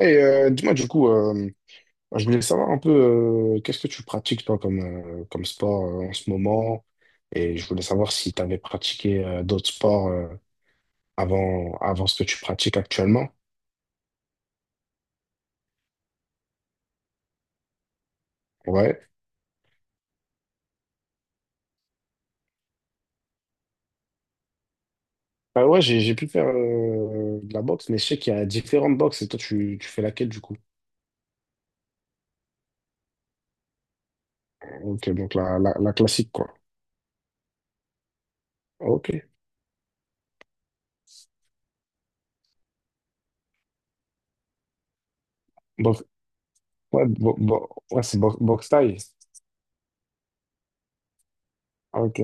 Dis-moi, du coup, je voulais savoir un peu qu'est-ce que tu pratiques, toi, comme, comme sport en ce moment. Et je voulais savoir si tu avais pratiqué d'autres sports avant, avant ce que tu pratiques actuellement. Ouais. Bah ouais, j'ai pu faire de la boxe, mais je sais qu'il y a différentes boxes et toi, tu fais laquelle, du coup? Ok, donc la classique, quoi. Ok. Box- ouais, boxe thaï. Ah, ok.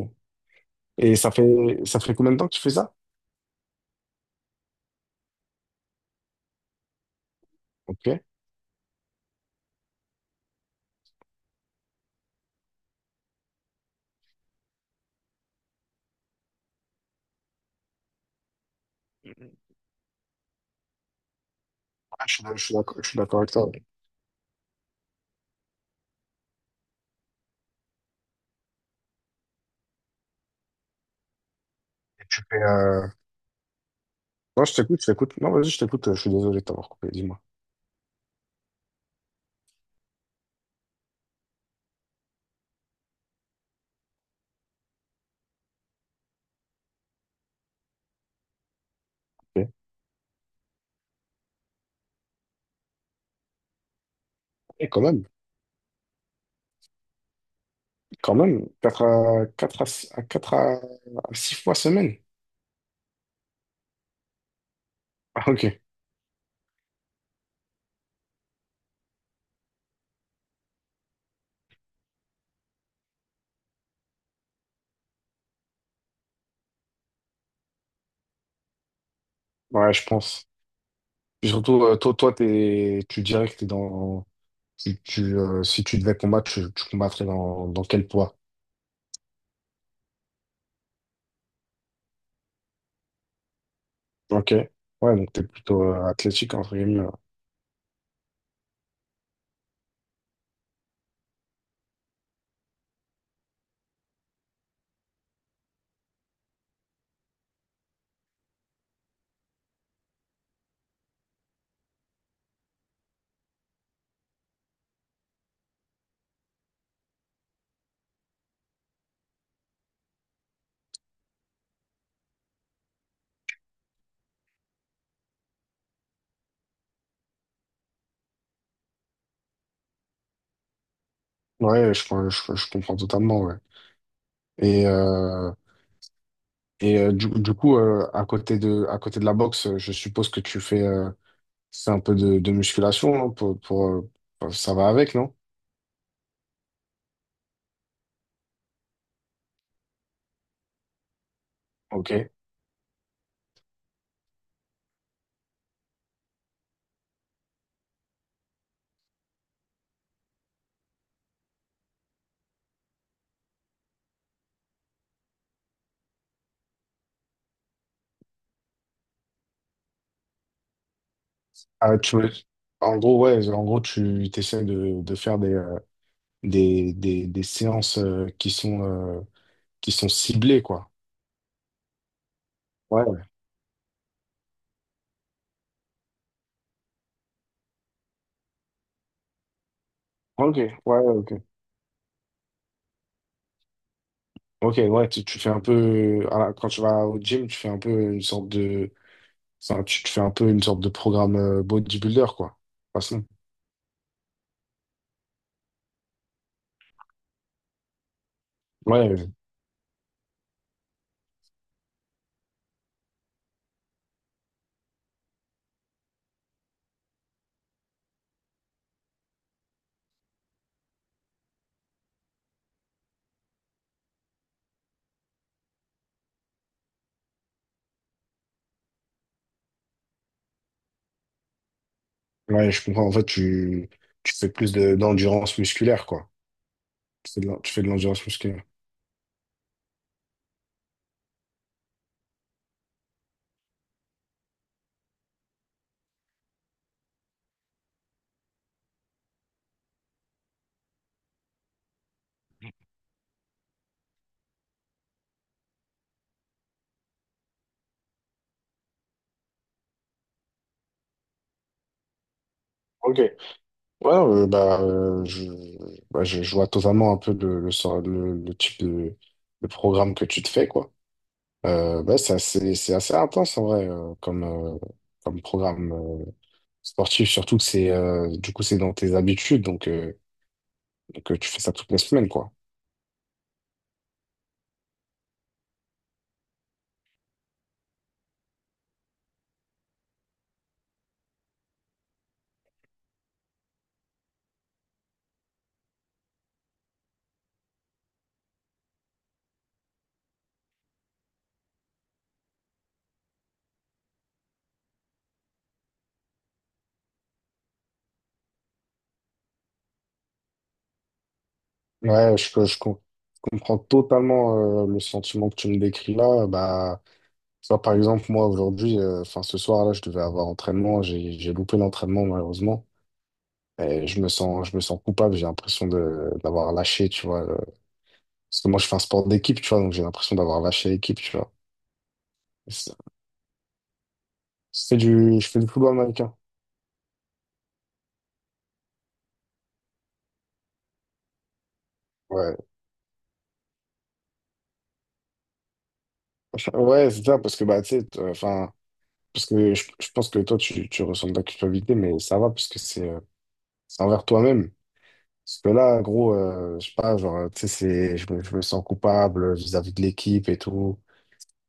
Et ça fait, ça fait combien de temps que tu fais ça? Ok. Je suis d'accord, je suis d'accord avec toi. Et tu fais, euh… Non, je t'écoute. Non, vas-y, je t'écoute. Je suis désolé de t'avoir coupé, dis-moi. Ok. Et quand même, quatre à 4 à, à 4 à 6 fois semaine. Ah, ok. Ouais, je pense. Puis surtout, toi, tu dirais que t'es dans… Tu, si tu devais combattre, tu combattrais dans, dans quel poids? Ok. Ouais, donc t'es plutôt athlétique, entre guillemets, hein. Ouais, je comprends totalement, ouais. Et, euh, et du coup, à côté de la boxe, je suppose que tu fais… C'est un peu de musculation, non? Pour, ça va avec, non? Ok. Ah, tu veux- En gros, ouais, en gros, tu essaies de faire des, des séances qui sont ciblées, quoi. Ouais. Ok, ouais, ouais, ok. Ok, ouais, tu fais un peu… Quand tu vas au gym, tu fais un peu une sorte de… enfin, tu fais un peu une sorte de programme bodybuilder, quoi. De toute façon. Ouais, ouais, je comprends. En fait, tu fais plus de, d'endurance musculaire, quoi. Tu fais de l'endurance musculaire. Ok. Ouais, bah, je vois totalement un peu le type de programme que tu te fais, quoi. Bah, c'est assez intense, en vrai, comme programme sportif, surtout que c'est, du coup, c'est dans tes habitudes, donc, tu fais ça toutes les semaines, quoi. Ouais, je comprends totalement le sentiment que tu me décris là. Bah, tu vois, par exemple, moi, aujourd'hui, enfin, ce soir, là, je devais avoir entraînement. J'ai loupé l'entraînement, malheureusement. Et je me sens coupable. J'ai l'impression de, d'avoir lâché, tu vois. Parce que moi, je fais un sport d'équipe, tu vois. Donc, j'ai l'impression d'avoir lâché l'équipe, tu vois. C'est je fais du football américain. Ouais. Ouais, c'est ça, parce que, bah, tu sais, enfin, parce que je pense que toi, tu ressens de la culpabilité, mais ça va, parce que c'est envers toi-même. Parce que là, gros, je sais pas, genre, tu sais, c'est, je me sens coupable vis-à-vis de l'équipe et tout.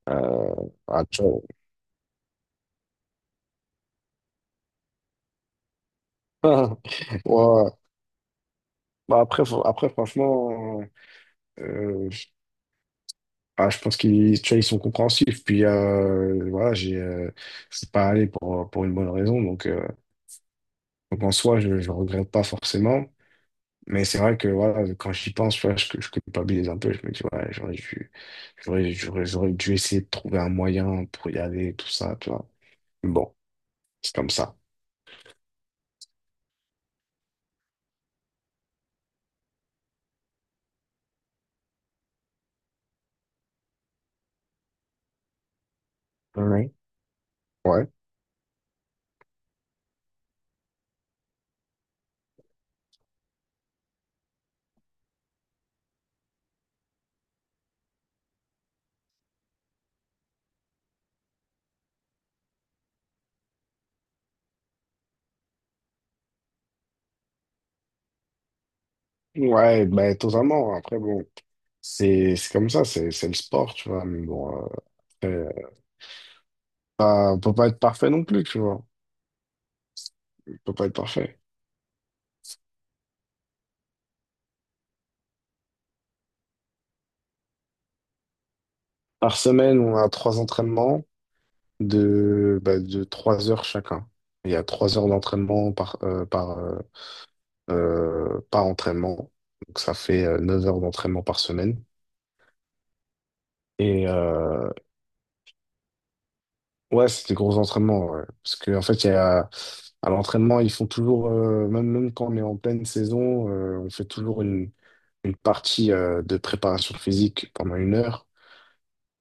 Ah, tu vois. Ouais. Bah après, après franchement, euh, ah, je pense qu'ils tu vois, ils sont compréhensifs. Puis voilà, j'ai, je suis pas allé pour une bonne raison. Donc en soi, je regrette pas forcément. Mais c'est vrai que voilà, quand j'y pense, tu vois, je culpabilise un peu. Je me dis, ouais, j'aurais dû essayer de trouver un moyen pour y aller, tout ça, tu vois. Bon, c'est comme ça. Ouais. Ouais. Ouais, bah, totalement. Après, bon, c'est comme ça, c'est le sport, tu vois. Mais bon, après, on peut pas être parfait non plus, tu vois. On peut pas être parfait. Par semaine, on a trois entraînements de, bah, de trois heures chacun. Il y a trois heures d'entraînement par entraînement. Donc ça fait 9 heures d'entraînement par semaine. Et ouais, c'est des gros entraînements, ouais. Parce qu'en fait, il y a, à l'entraînement, ils font toujours, même quand on est en pleine saison, on fait toujours une partie de préparation physique pendant une heure.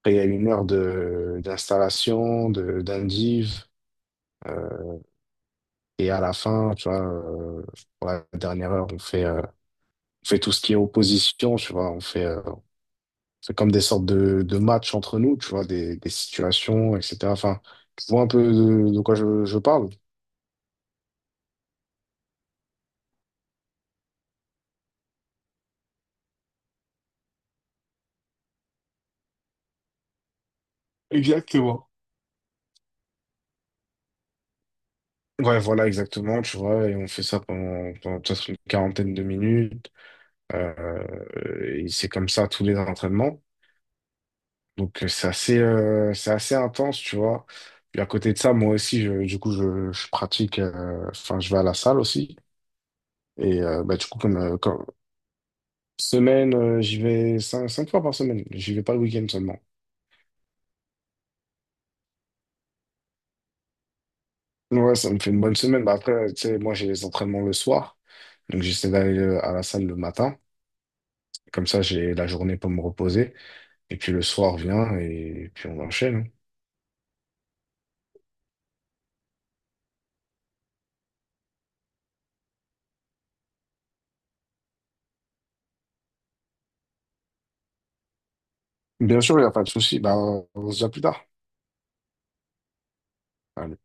Après, il y a une heure de, d'installation, de, d'indiv. Euh, et à la fin, tu vois, pour la dernière heure, on fait tout ce qui est opposition, tu vois, on fait… c'est comme des sortes de matchs entre nous, tu vois, des situations, etc. Enfin, tu vois un peu de quoi je parle. Exactement. Ouais, voilà, exactement, tu vois, et on fait ça pendant, pendant peut-être une quarantaine de minutes. Et c'est comme ça tous les entraînements. Donc, c'est assez intense, tu vois. Puis à côté de ça, moi aussi, je pratique, enfin, je vais à la salle aussi. Et bah, du coup, semaine, j'y vais cinq fois par semaine. J'y vais pas le week-end seulement. Ouais, ça me fait une bonne semaine. Bah après, tu sais, moi, j'ai les entraînements le soir. Donc, j'essaie d'aller à la salle le matin. Comme ça, j'ai la journée pour me reposer. Et puis, le soir vient et puis on enchaîne. Bien sûr, il n'y a pas de souci. Bah, on se dit à plus tard. Allez.